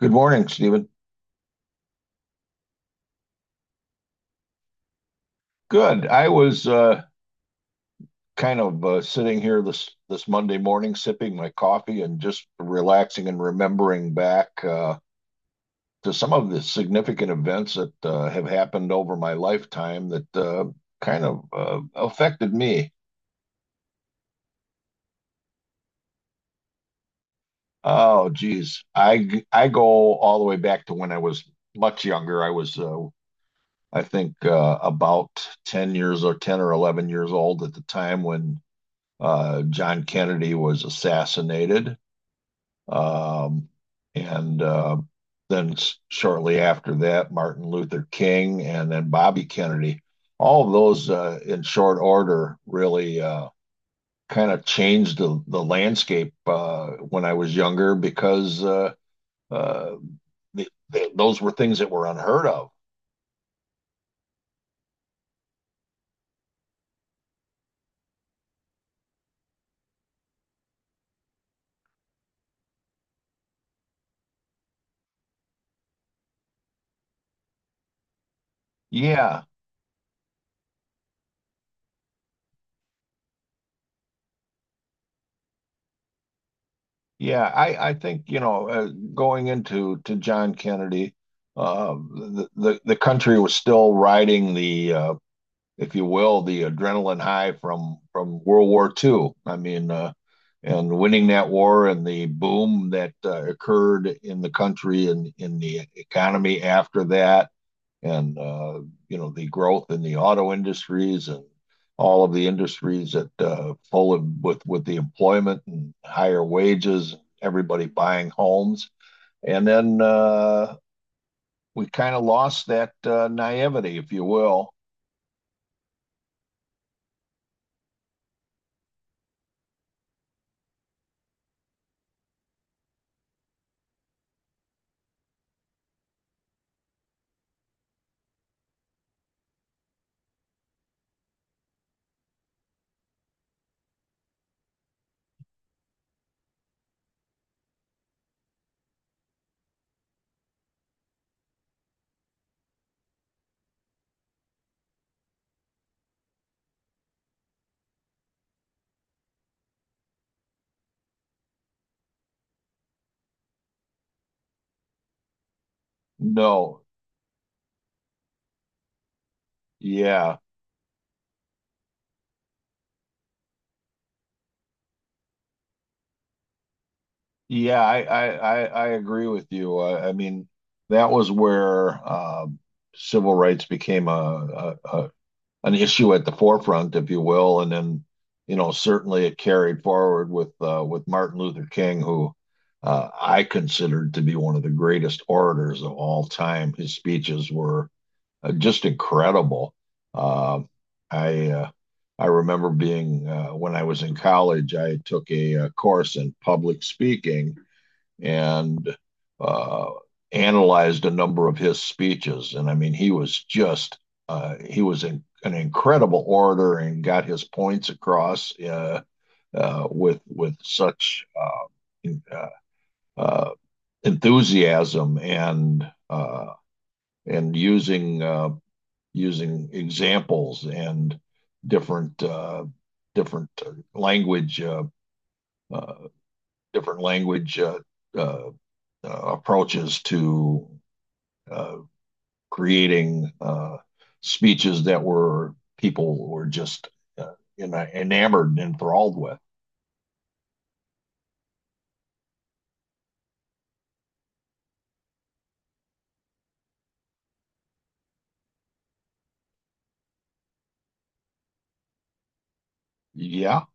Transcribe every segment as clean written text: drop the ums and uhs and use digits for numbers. Good morning, Stephen. Good. I was kind of sitting here this Monday morning, sipping my coffee and just relaxing and remembering back to some of the significant events that have happened over my lifetime that affected me. Oh, geez, I go all the way back to when I was much younger. I was I think about 10 years or 10 or 11 years old at the time when John Kennedy was assassinated. Um, and Then shortly after that, Martin Luther King and then Bobby Kennedy. All of those in short order really changed the landscape when I was younger because uh, th th those were things that were unheard of. Yeah, yeah, I think, going into to John Kennedy, the country was still riding if you will, the adrenaline high from World War II. I mean, and winning that war and the boom that occurred in the country and in the economy after that, and you know, the growth in the auto industries and all of the industries that full of with the employment and higher wages, everybody buying homes, and then we kind of lost that naivety, if you will. No, yeah, yeah, I agree with you. I mean, that was where civil rights became a an issue at the forefront, if you will, and then you know certainly it carried forward with Martin Luther King, who I considered to be one of the greatest orators of all time. His speeches were just incredible. Uh, I uh, I remember being when I was in college, I took a, uh, course in public speaking and uh, analyzed a number of his speeches. And I mean, he was just, he was in, an incredible orator and got his points across with such uh, enthusiasm and and using, using examples and different, different language, uh, uh, different language uh, approaches to uh, creating speeches that were people were just uh, enamored and enthralled with. Yeah,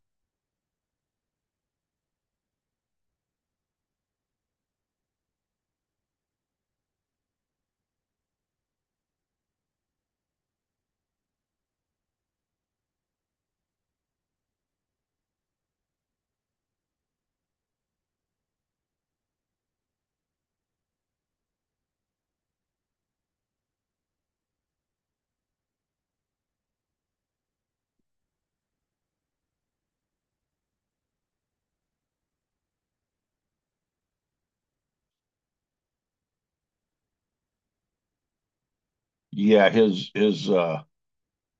yeah. His his uh,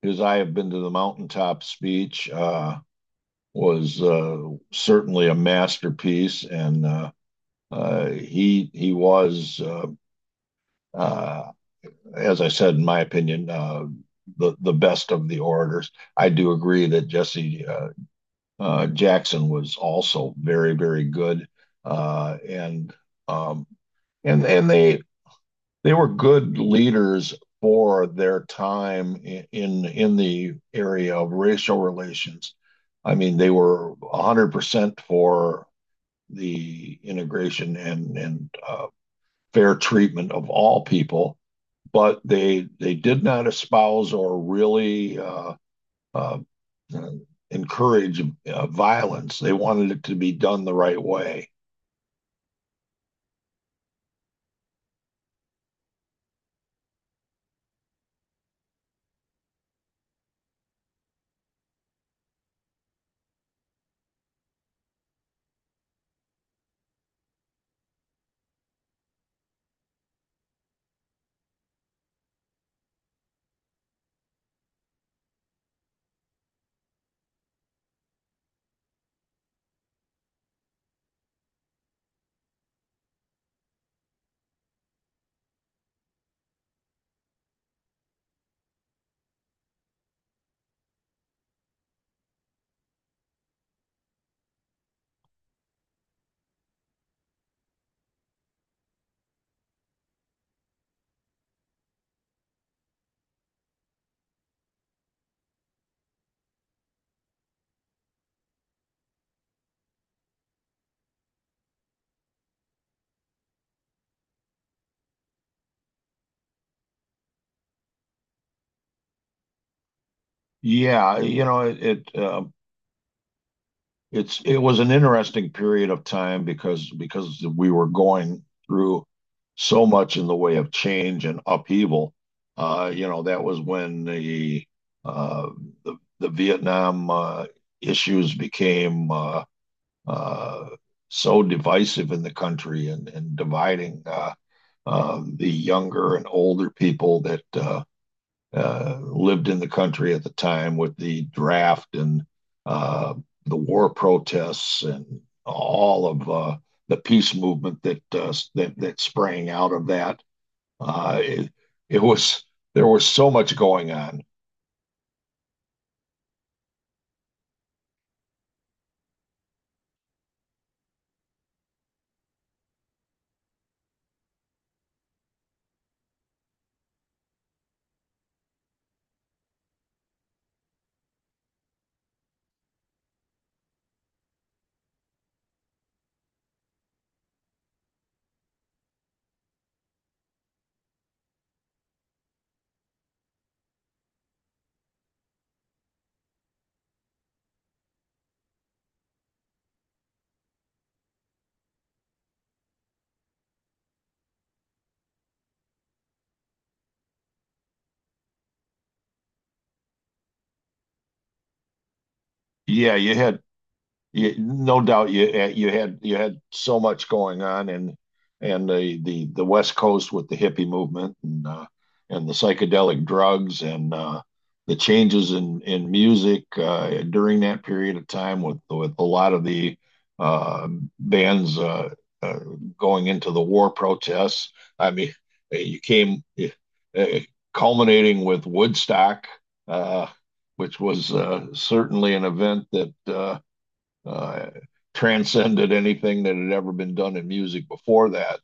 his "I have been to the mountaintop" speech was certainly a masterpiece, and he was, uh, as I said, in my opinion, the best of the orators. I do agree that Jesse Jackson was also very, very good. Uh, and um, and they were good leaders for their time in the area of racial relations. I mean, they were 100% for the integration and fair treatment of all people, but they did not espouse or really uh, encourage violence. They wanted it to be done the right way. Yeah, you know, it it was an interesting period of time because we were going through so much in the way of change and upheaval. You know, that was when uh, the Vietnam issues became uh, so divisive in the country and dividing. The younger and older people that lived in the country at the time with the draft and uh, the war protests and all of the peace movement that sprang out of that. It it was There was so much going on. Yeah, no doubt you had you had so much going on, and the West Coast with the hippie movement and the psychedelic drugs and the changes in music during that period of time with a lot of the uh, bands uh, going into the war protests. I mean, you came uh, culminating with Woodstock, uh, which was certainly an event that uh, transcended anything that had ever been done in music before that.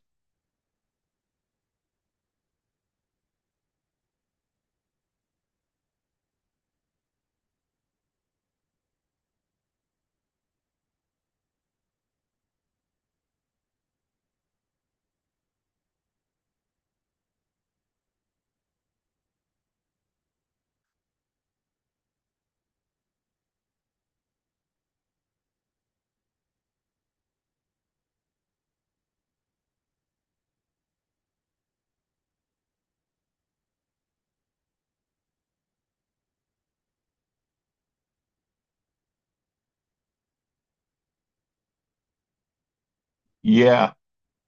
Yeah,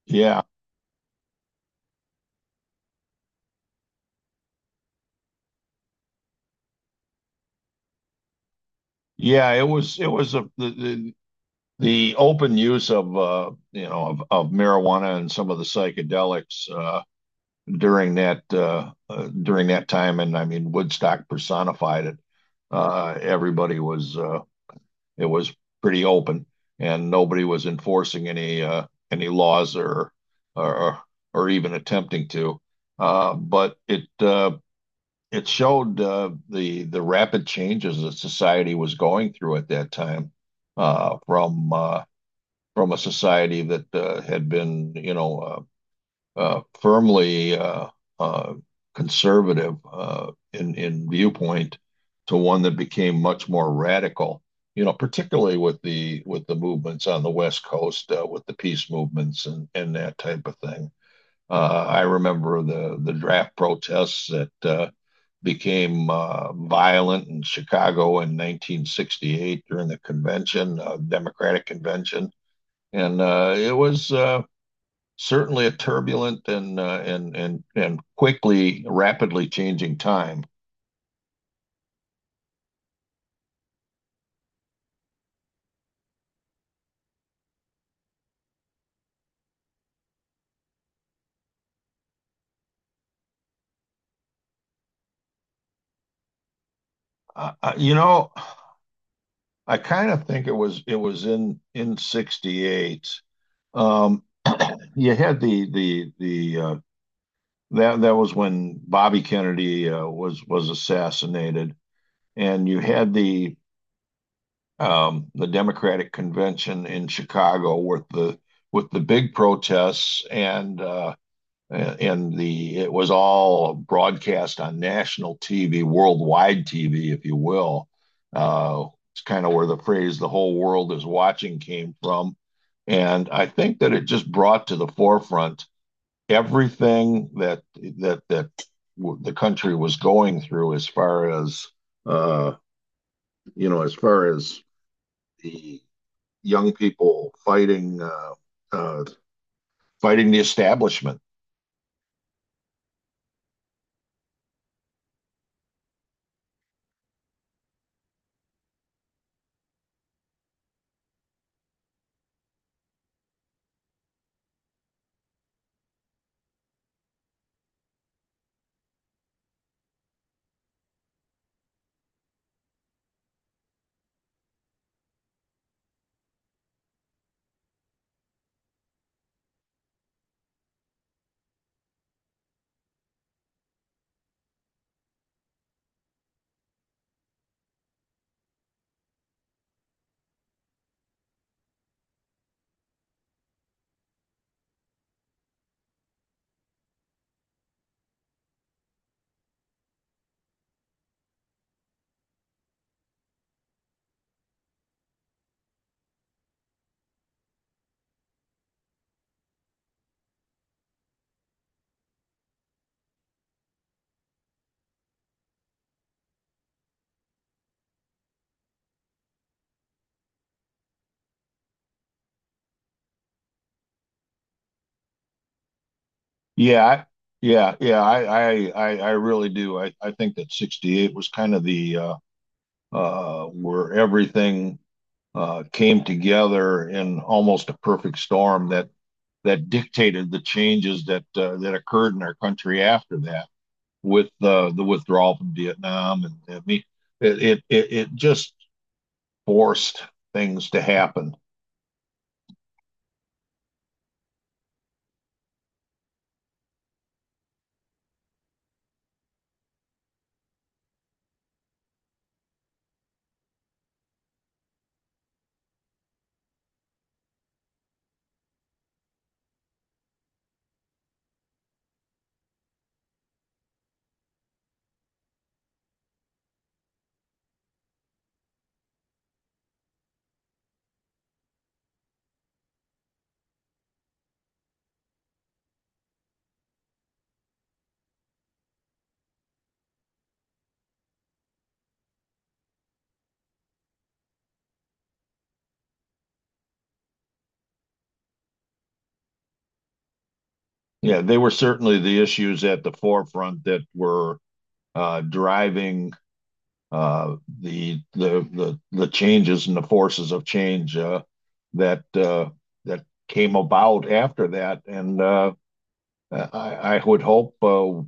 yeah, yeah. It was a, the open use of you know, of marijuana and some of the psychedelics during that time, and I mean Woodstock personified it. Everybody was it was pretty open, and nobody was enforcing any laws or or or even attempting to. But it showed the rapid changes that society was going through at that time uh, from uh, from a society that had been, you know, firmly uh, conservative in viewpoint to one that became much more radical, you know, particularly with the movements on the West Coast, with the peace movements and that type of thing. I remember the draft protests that became violent in Chicago in 1968 during the convention, Democratic convention. And it was, certainly a turbulent and quickly, rapidly changing time. You know, I kind of think it was in '68. Um, you had the that that was when Bobby Kennedy was assassinated, and you had the Democratic convention in Chicago with the big protests and Uh, and, the it was all broadcast on national TV, worldwide TV, if you will. Uh, it's kind of where the phrase "the whole world is watching" came from, and I think that it just brought to the forefront everything that that that the country was going through as far as uh, you know, as far as the young people fighting uh, fighting the establishment. Yeah, yeah, yeah. I really do. I think that '68 was kind of the where everything came together in almost a perfect storm that that dictated the changes that that occurred in our country after that, with the withdrawal from Vietnam, and I mean, it just forced things to happen. Yeah, they were certainly the issues at the forefront that were driving the changes and the forces of change that uh, that came about after that, and I, I would hope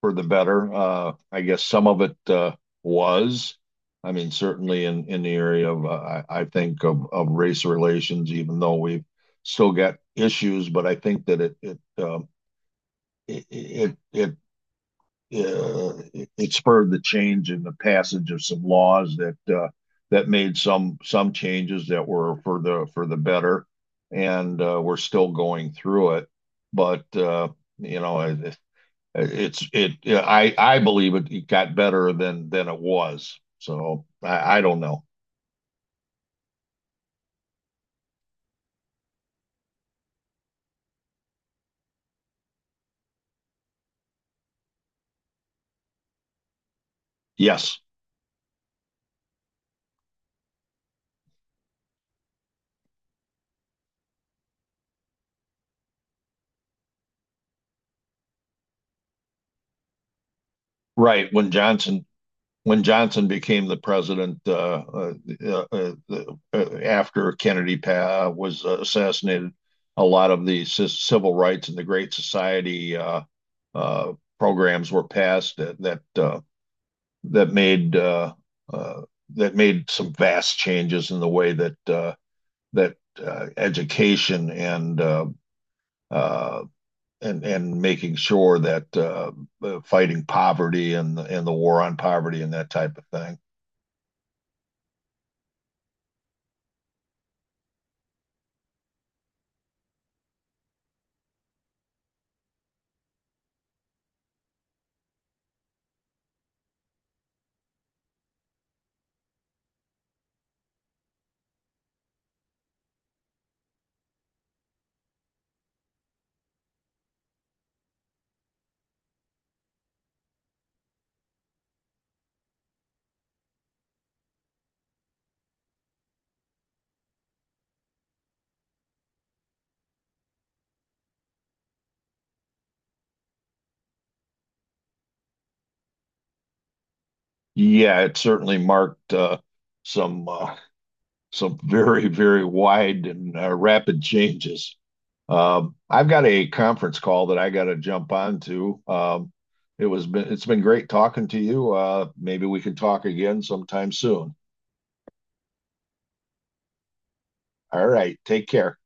for the better. I guess some of it was. I mean, certainly in the area of, I think of race relations, even though we've still got issues, but I think that it, it, it, it it, it spurred the change in the passage of some laws that that made some changes that were for the better, and we're still going through it. But you know, it, it's it. I believe it, it got better than it was. So I don't know. Yes, right. When Johnson became the president uh, uh, after Kennedy was assassinated, a lot of the civil rights and the Great Society uh, programs were passed that that, that made uh, uh, that made some vast changes in the way that that education uh, and making sure that fighting poverty and the war on poverty and that type of thing. Yeah, it certainly marked some uh, some very, very wide and rapid changes. I've got a conference call that I got to jump on to. It's been great talking to you. Maybe we can talk again sometime soon. All right, take care.